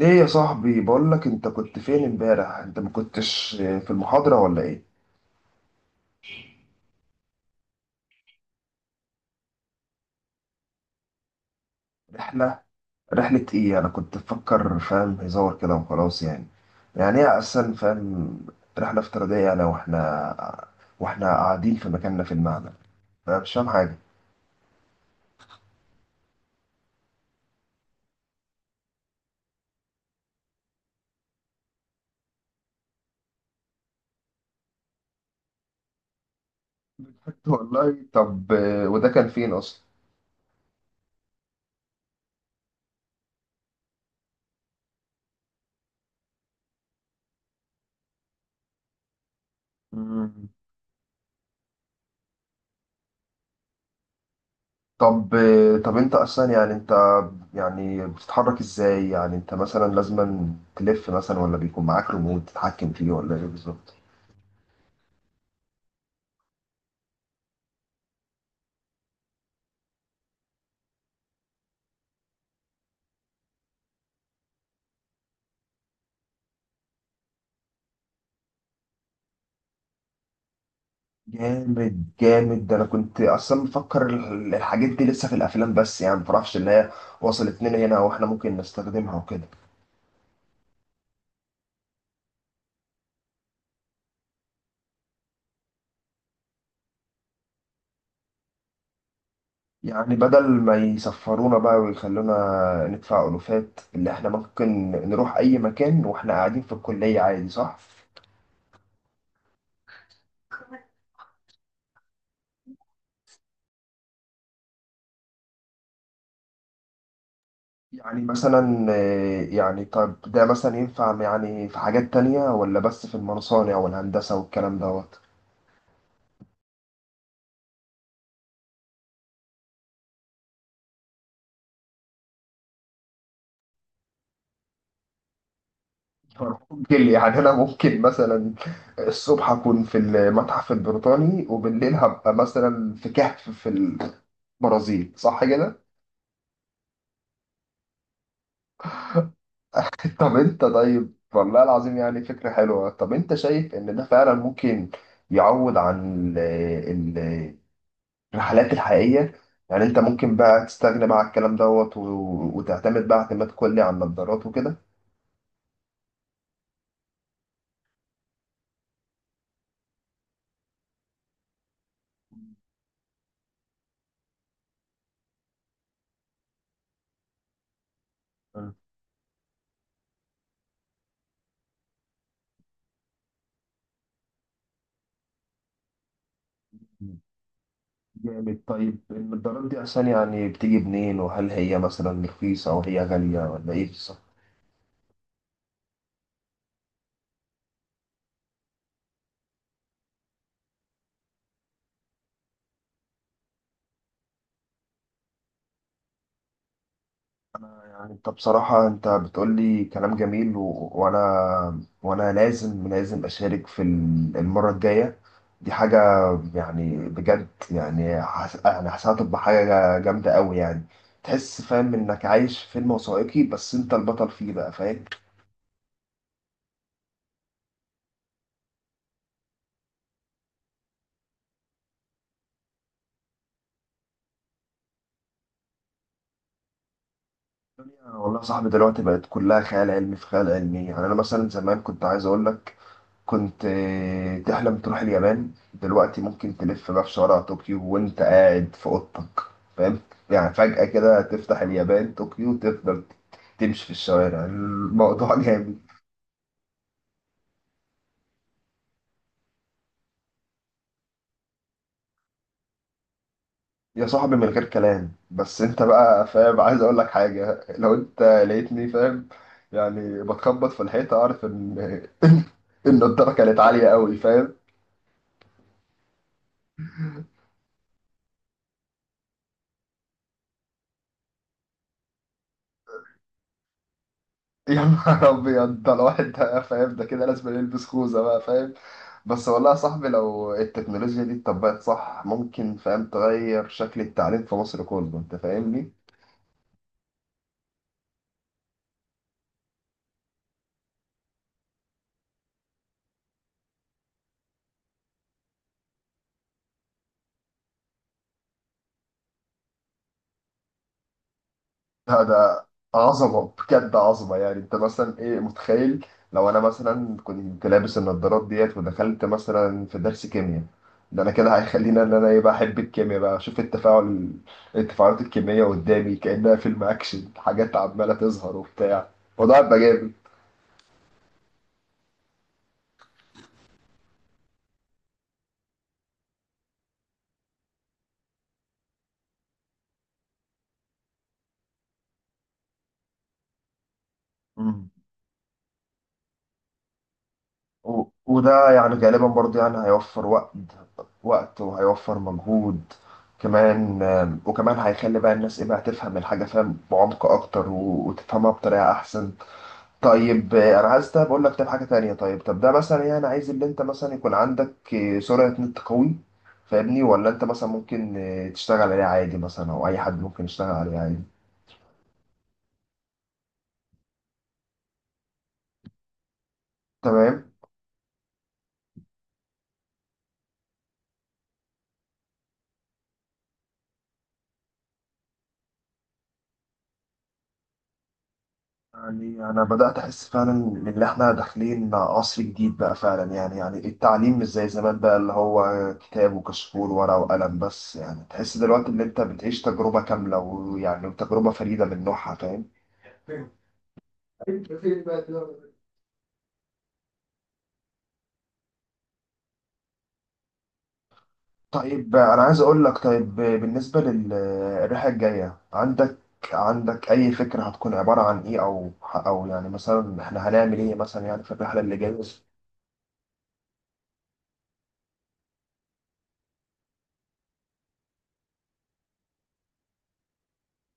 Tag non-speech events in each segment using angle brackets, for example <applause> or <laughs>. ايه يا صاحبي، بقول لك، انت كنت فين امبارح؟ انت ما كنتش في المحاضرة ولا ايه؟ رحلة رحلة ايه؟ انا كنت بفكر فاهم هزار كده وخلاص يعني. يعني ايه اصلا فاهم؟ رحلة افتراضية؟ انا واحنا قاعدين في مكاننا في المعمل، فانا مش فاهم حاجة. <laughs> والله طب وده كان فين اصلا؟ مم. طب طب انت اصلا يعني انت، يعني بتتحرك ازاي؟ يعني انت مثلا لازم تلف مثلا، ولا بيكون معاك ريموت تتحكم فيه، ولا ايه بالظبط؟ جامد جامد. ده انا كنت اصلا مفكر الحاجات دي لسه في الافلام بس، يعني مفرحش ان هي وصلت لنا هنا واحنا ممكن نستخدمها وكده. يعني بدل ما يسفرونا بقى ويخلونا ندفع الوفات، اللي احنا ممكن نروح اي مكان واحنا قاعدين في الكلية عادي، صح؟ يعني مثلا يعني طب ده مثلا ينفع يعني في حاجات تانية، ولا بس في المصانع والهندسة والكلام دوت؟ ممكن، يعني انا ممكن مثلا الصبح اكون في المتحف البريطاني، وبالليل هبقى مثلا في كهف في البرازيل، صح كده؟ <laughs> طب انت، طيب والله العظيم يعني فكرة حلوة. طب انت شايف ان ده فعلا ممكن يعوض عن ال- الرحلات الحقيقية؟ يعني انت ممكن بقى تستغنى بقى عن الكلام دوت وتعتمد بقى اعتماد كلي على النظارات وكده؟ جامد. طيب المقدارات دي أصلا يعني بتيجي منين؟ وهل هي مثلا رخيصة أو هي غالية، ولا إيه بالظبط؟ يعني أنت بصراحة، أنت بتقول لي كلام جميل وأنا لازم أشارك في المرة الجاية. دي حاجة يعني بجد، يعني يعني حاسسها تبقى حاجة جامدة أوي يعني. تحس فاهم إنك عايش في فيلم وثائقي، بس أنت البطل فيه بقى، فاهم؟ والله يا صاحبي، دلوقتي بقت كلها خيال علمي في خيال علمي. يعني أنا مثلا زمان كنت عايز أقول لك، كنت تحلم تروح اليابان. دلوقتي ممكن تلف بقى في شوارع طوكيو وانت قاعد في اوضتك، فاهم؟ يعني فجأة كده تفتح اليابان طوكيو وتفضل تمشي في الشوارع. الموضوع <laughs> جامد. يا صاحبي من غير كلام، بس انت بقى فاهم، عايز اقول لك حاجة. لو انت لقيتني فاهم، يعني بتخبط في الحيطة، اعرف ان <laughs> ان الدرجة كانت عالية قوي، فاهم. يا نهار ابيض، ده الواحد ده فاهم، ده كده لازم يلبس خوذه بقى، فاهم. بس والله يا صاحبي، لو التكنولوجيا دي اتطبقت صح، ممكن فاهم تغير شكل التعليم في مصر كله، انت فاهمني؟ ده عظمه بجد، عظمه. يعني انت مثلا ايه متخيل؟ لو انا مثلا كنت لابس النضارات ديت ودخلت مثلا في درس كيمياء، ده انا كده هيخليني ان انا ايه بقى، احب الكيمياء بقى، اشوف التفاعلات الكيمياء قدامي كانها فيلم اكشن، حاجات عماله تظهر وبتاع. الموضوع هيبقى جامد. مم. وده يعني غالبا برضو يعني هيوفر وقت، وقت وهيوفر مجهود كمان. وكمان هيخلي بقى الناس ايه بقى، تفهم الحاجة فاهم بعمق اكتر، وتفهمها بطريقة احسن. طيب انا عايز ده بقول لك، طيب حاجة تانية، طب ده مثلا يعني عايز اللي انت مثلا يكون عندك سرعة نت قوي، فاهمني؟ ولا انت مثلا ممكن تشتغل عليه عادي مثلا، او اي حد ممكن يشتغل عليه عادي؟ تمام. يعني أنا بدأت أحس فعلا إن إحنا داخلين عصر جديد بقى فعلا، يعني يعني التعليم مش زي زمان بقى، اللي هو كتاب وكشكول ورقة وقلم بس. يعني تحس دلوقتي إن أنت بتعيش تجربة كاملة، ويعني تجربة فريدة من نوعها، فاهم؟ طيب أنا عايز أقول لك، طيب بالنسبة للرحلة الجاية، عندك أي فكرة هتكون عبارة عن إيه؟ أو يعني مثلا إحنا هنعمل إيه مثلا يعني في الرحلة اللي جاية؟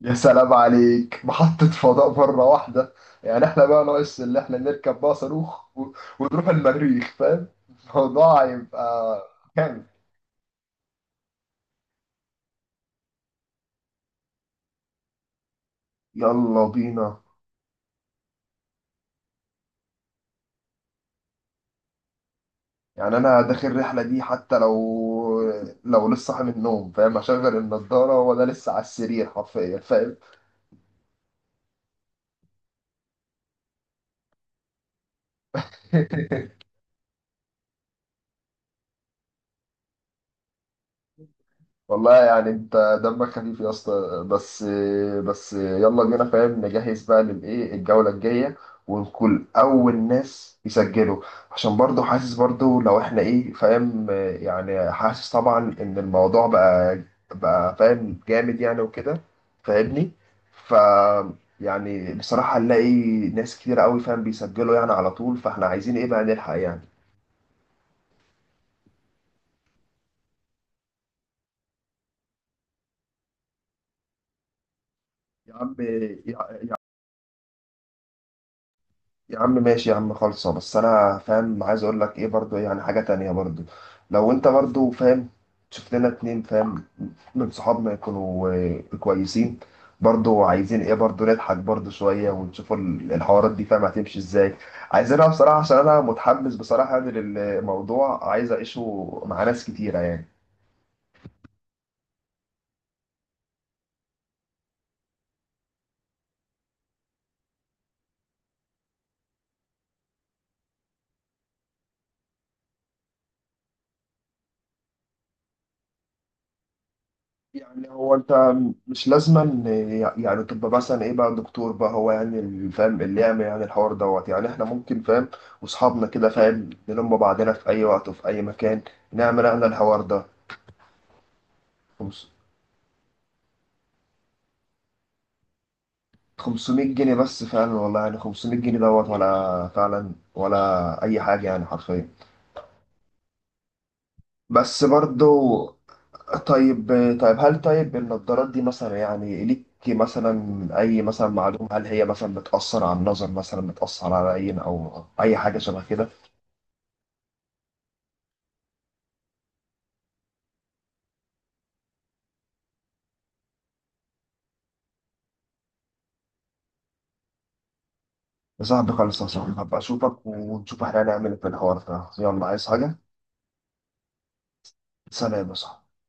يا سلام عليك، محطة فضاء مرة واحدة. يعني احنا بقى ناقص اللي احنا نركب بقى صاروخ ونروح المريخ، فاهم. الموضوع هيبقى جامد. يلا بينا. يعني انا داخل الرحلة دي حتى لو، لو لسه صاحي من النوم فاهم، اشغل النضارة وانا لسه على السرير حرفيا، فاهم. <laughs> والله يعني انت دمك خفيف يا اسطى. بس، بس يلا بينا فاهم، نجهز بقى للايه، الجوله الجايه، ونكون اول ناس يسجلوا. عشان برضو حاسس، برضو لو احنا ايه فاهم، يعني حاسس طبعا ان الموضوع بقى فاهم جامد يعني وكده، فاهمني؟ ف، يعني بصراحه نلاقي ناس كتير قوي فاهم بيسجلوا يعني على طول، فاحنا عايزين ايه بقى، نلحق يعني. يا عم، يا عم ماشي يا عم خالصة، بس انا فاهم عايز اقول لك ايه برضو، يعني حاجة تانية برضو، لو انت برضو فاهم، شوف لنا اتنين فاهم من صحابنا يكونوا كويسين. برضو عايزين ايه برضو، نضحك برضو شوية، ونشوف الحوارات دي فاهم هتمشي ازاي. عايزينها بصراحة، عشان انا متحمس بصراحة يعني للموضوع، عايز اعيشه مع ناس كتيرة يعني. يعني هو انت مش لازما يعني تبقى مثلا ايه بقى دكتور بقى، هو يعني اللي فاهم اللي يعمل يعني الحوار دوت. يعني احنا ممكن فاهم واصحابنا كده فاهم نلم بعضنا في اي وقت وفي اي مكان، نعمل احنا الحوار ده. خمس- 500 جنيه بس، فعلا والله، يعني 500 جنيه دوت، ولا فعلا، ولا اي حاجة يعني حرفيا. بس برضو، طيب، طيب هل، طيب النضارات دي مثلا يعني ليك مثلا أي مثلا معلومة، هل هي مثلا بتأثر على النظر، مثلا بتأثر على عين أو أي حاجة شبه كده؟ يا صاحبي خلاص يا صاحبي، هبقى أشوفك، ونشوف إحنا هنعمل إيه في الحوار ده. يلا، عايز حاجة؟ سلام يا صاحبي.